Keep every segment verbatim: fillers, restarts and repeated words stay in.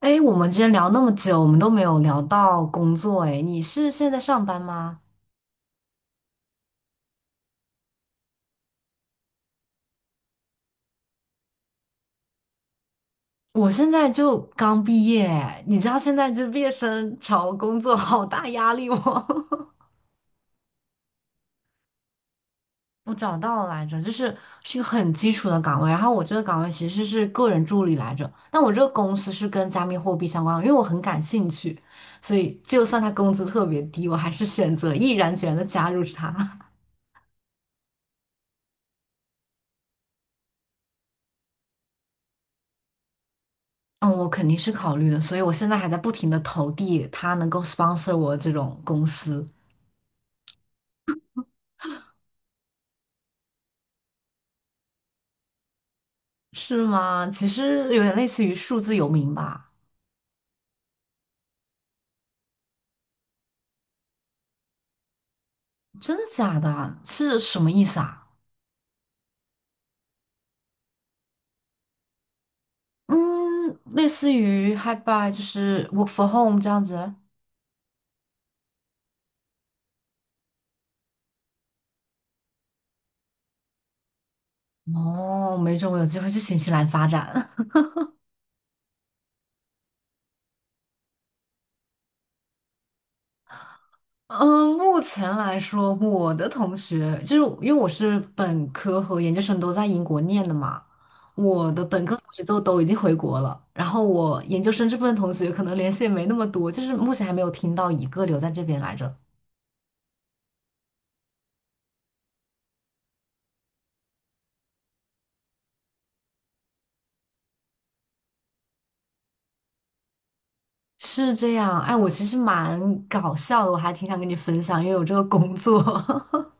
哎，我们之前聊那么久，我们都没有聊到工作。哎，你是现在上班吗？我现在就刚毕业，你知道现在这毕业生找工作好大压力吗？我找到了来着，就是是一个很基础的岗位，然后我这个岗位其实是个人助理来着，但我这个公司是跟加密货币相关的，因为我很感兴趣，所以就算他工资特别低，我还是选择毅然决然的加入他。嗯，我肯定是考虑的，所以我现在还在不停的投递他能够 sponsor 我这种公司，是吗？其实有点类似于数字游民吧？真的假的啊是什么意思啊？嗯，类似于 h i b y 就是 work for home 这样子。哦，没准我有机会去新西兰发展。嗯，目前来说，我的同学就是因为我是本科和研究生都在英国念的嘛，我的本科同学就都已经回国了，然后我研究生这部分同学可能联系也没那么多，就是目前还没有听到一个留在这边来着。是这样，哎，我其实蛮搞笑的，我还挺想跟你分享，因为我这个工作。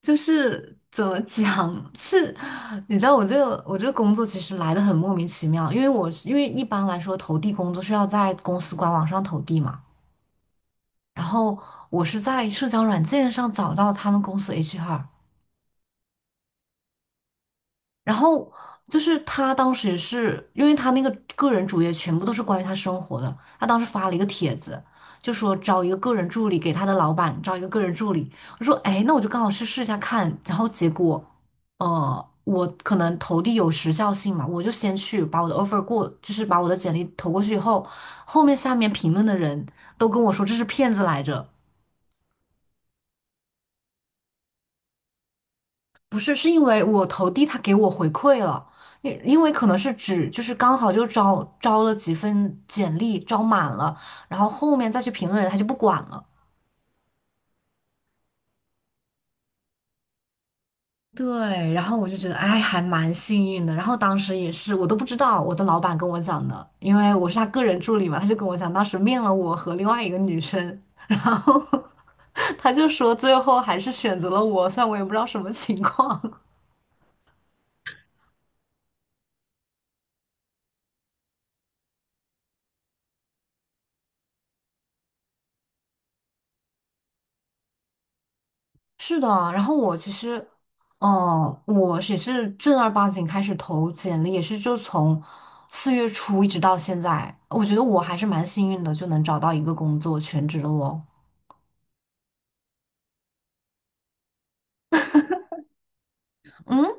就是怎么讲，是你知道我这个我这个工作其实来的很莫名其妙，因为我是因为一般来说投递工作是要在公司官网上投递嘛，然后我是在社交软件上找到他们公司 H R，然后就是他当时也是，因为他那个个人主页全部都是关于他生活的，他当时发了一个帖子，就说招一个个人助理给他的老板招一个个人助理。我说，哎，那我就刚好去试一下看。然后结果，呃，我可能投递有时效性嘛，我就先去把我的 offer 过，就是把我的简历投过去以后，后面下面评论的人都跟我说这是骗子来着。不是，是因为我投递他给我回馈了，因因为可能是只就是刚好就招招了几份简历，招满了，然后后面再去评论人他就不管了。对，然后我就觉得哎，还蛮幸运的。然后当时也是我都不知道，我的老板跟我讲的，因为我是他个人助理嘛，他就跟我讲，当时面了我和另外一个女生，然后 他就说最后还是选择了我，虽然我也不知道什么情况。是的，然后我其实，哦、我也是正儿八经开始投简历，也是就从四月初一直到现在，我觉得我还是蛮幸运的，就能找到一个工作，全职的我，嗯，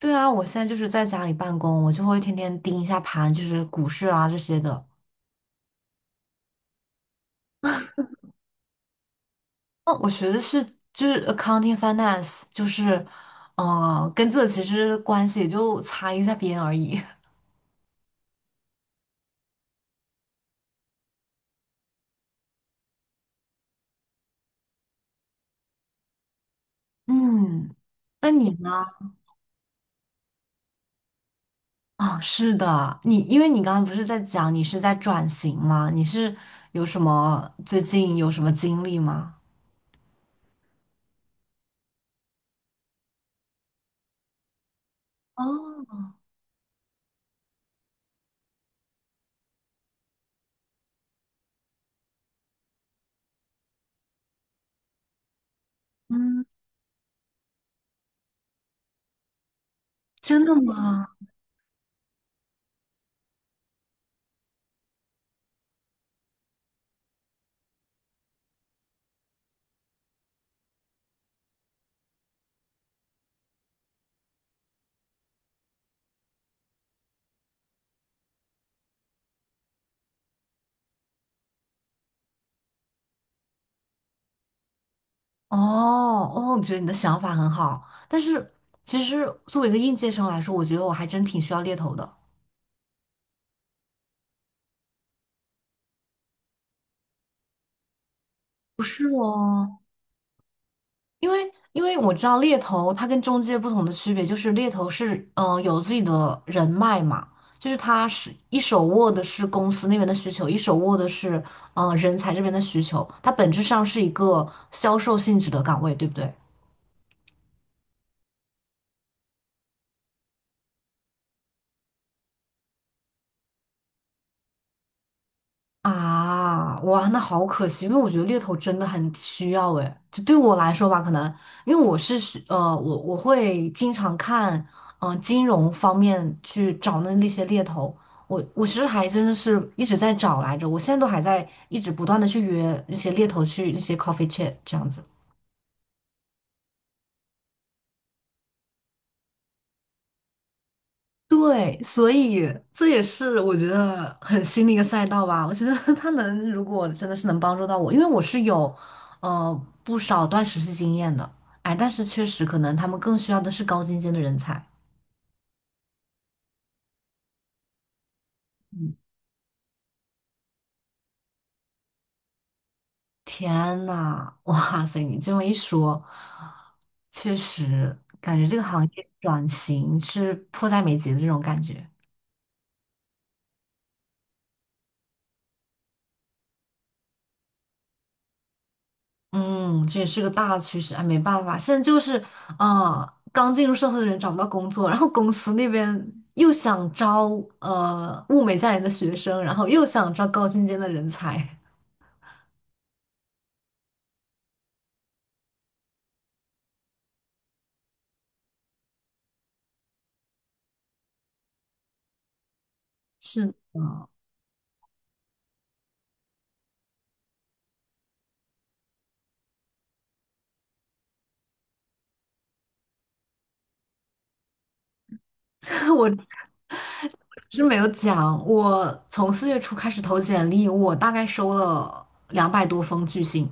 对啊，我现在就是在家里办公，我就会天天盯一下盘，就是股市啊这些的。哦，我学的是就是 accounting finance，就是，呃，跟这其实关系也就擦一下边而已。嗯，那你呢？哦，是的，你因为你刚刚不是在讲你是在转型吗？你是有什么最近有什么经历吗？哦，嗯，真的吗？哦哦，我觉得你的想法很好，但是其实作为一个应届生来说，我觉得我还真挺需要猎头的。不是哦，因为因为我知道猎头它跟中介不同的区别就是猎头是嗯呃有自己的人脉嘛，就是他是一手握的是公司那边的需求，一手握的是嗯呃人才这边的需求，它本质上是一个销售性质的岗位，对不对？啊，哇，那好可惜，因为我觉得猎头真的很需要诶，就对我来说吧，可能因为我是是呃，我我会经常看嗯、呃金融方面去找那那些猎头，我我其实还真的是一直在找来着，我现在都还在一直不断的去约一些猎头去一些 coffee chat 这样子。对，所以这也是我觉得很新的一个赛道吧。我觉得 他能，如果真的是能帮助到我，因为我是有呃不少段实习经验的，哎，但是确实可能他们更需要的是高精尖的人才。嗯，天呐，哇塞，你这么一说，确实感觉这个行业转型是迫在眉睫的这种感觉。嗯，这也是个大趋势，哎，没办法，现在就是，啊、刚进入社会的人找不到工作，然后公司那边又想招呃物美价廉的学生，然后又想招高精尖的人才。是，我是没有讲，我从四月初开始投简历，我大概收了两百多封拒信。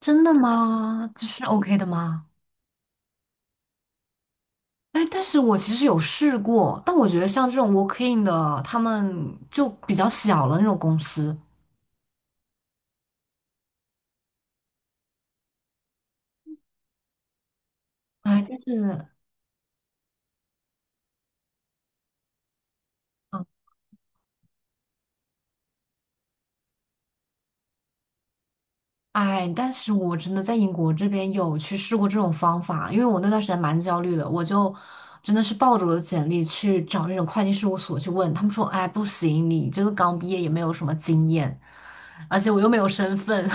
真的吗？这是 OK 的吗？哎，但是我其实有试过，但我觉得像这种 working 的，他们就比较小了那种公司。哎，但是，嗯，哎，但是我真的在英国这边有去试过这种方法，因为我那段时间蛮焦虑的，我就真的是抱着我的简历去找那种会计事务所去问，他们说，哎，不行，你这个刚毕业也没有什么经验，而且我又没有身份，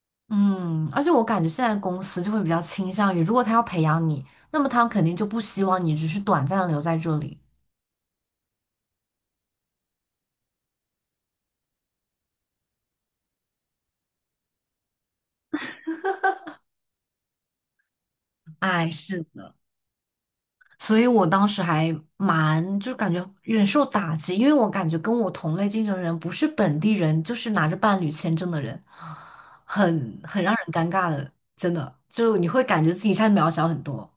嗯，而且我感觉现在公司就会比较倾向于，如果他要培养你，那么他肯定就不希望你只是短暂的留在这里。哎，是的。所以我当时还蛮，就感觉忍受打击，因为我感觉跟我同类竞争的人不是本地人，就是拿着伴侣签证的人，很很让人尴尬的，真的，就你会感觉自己一下子渺小很多。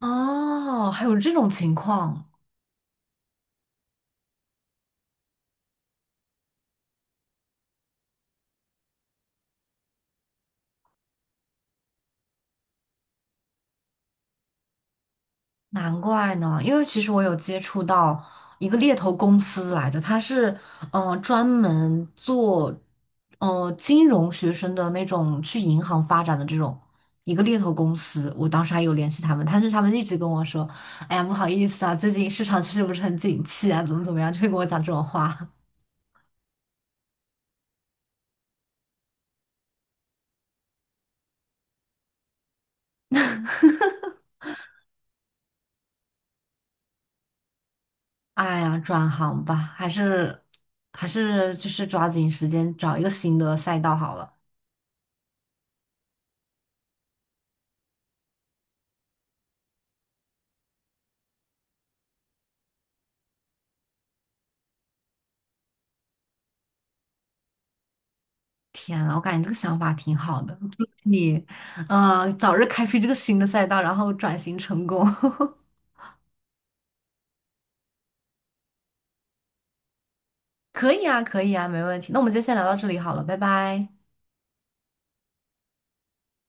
哦，还有这种情况。难怪呢，因为其实我有接触到一个猎头公司来着，它是嗯、呃专门做呃金融学生的那种去银行发展的这种一个猎头公司，我当时还有联系他们，但是他们一直跟我说，哎呀不好意思啊，最近市场是不是很景气啊，怎么怎么样，就会跟我讲这种话。哎呀，转行吧，还是还是就是抓紧时间找一个新的赛道好了。天呐，我感觉这个想法挺好的，祝你，呃，早日开辟这个新的赛道，然后转型成功。可以啊，可以啊，没问题。那我们今天先聊到这里好了，拜拜。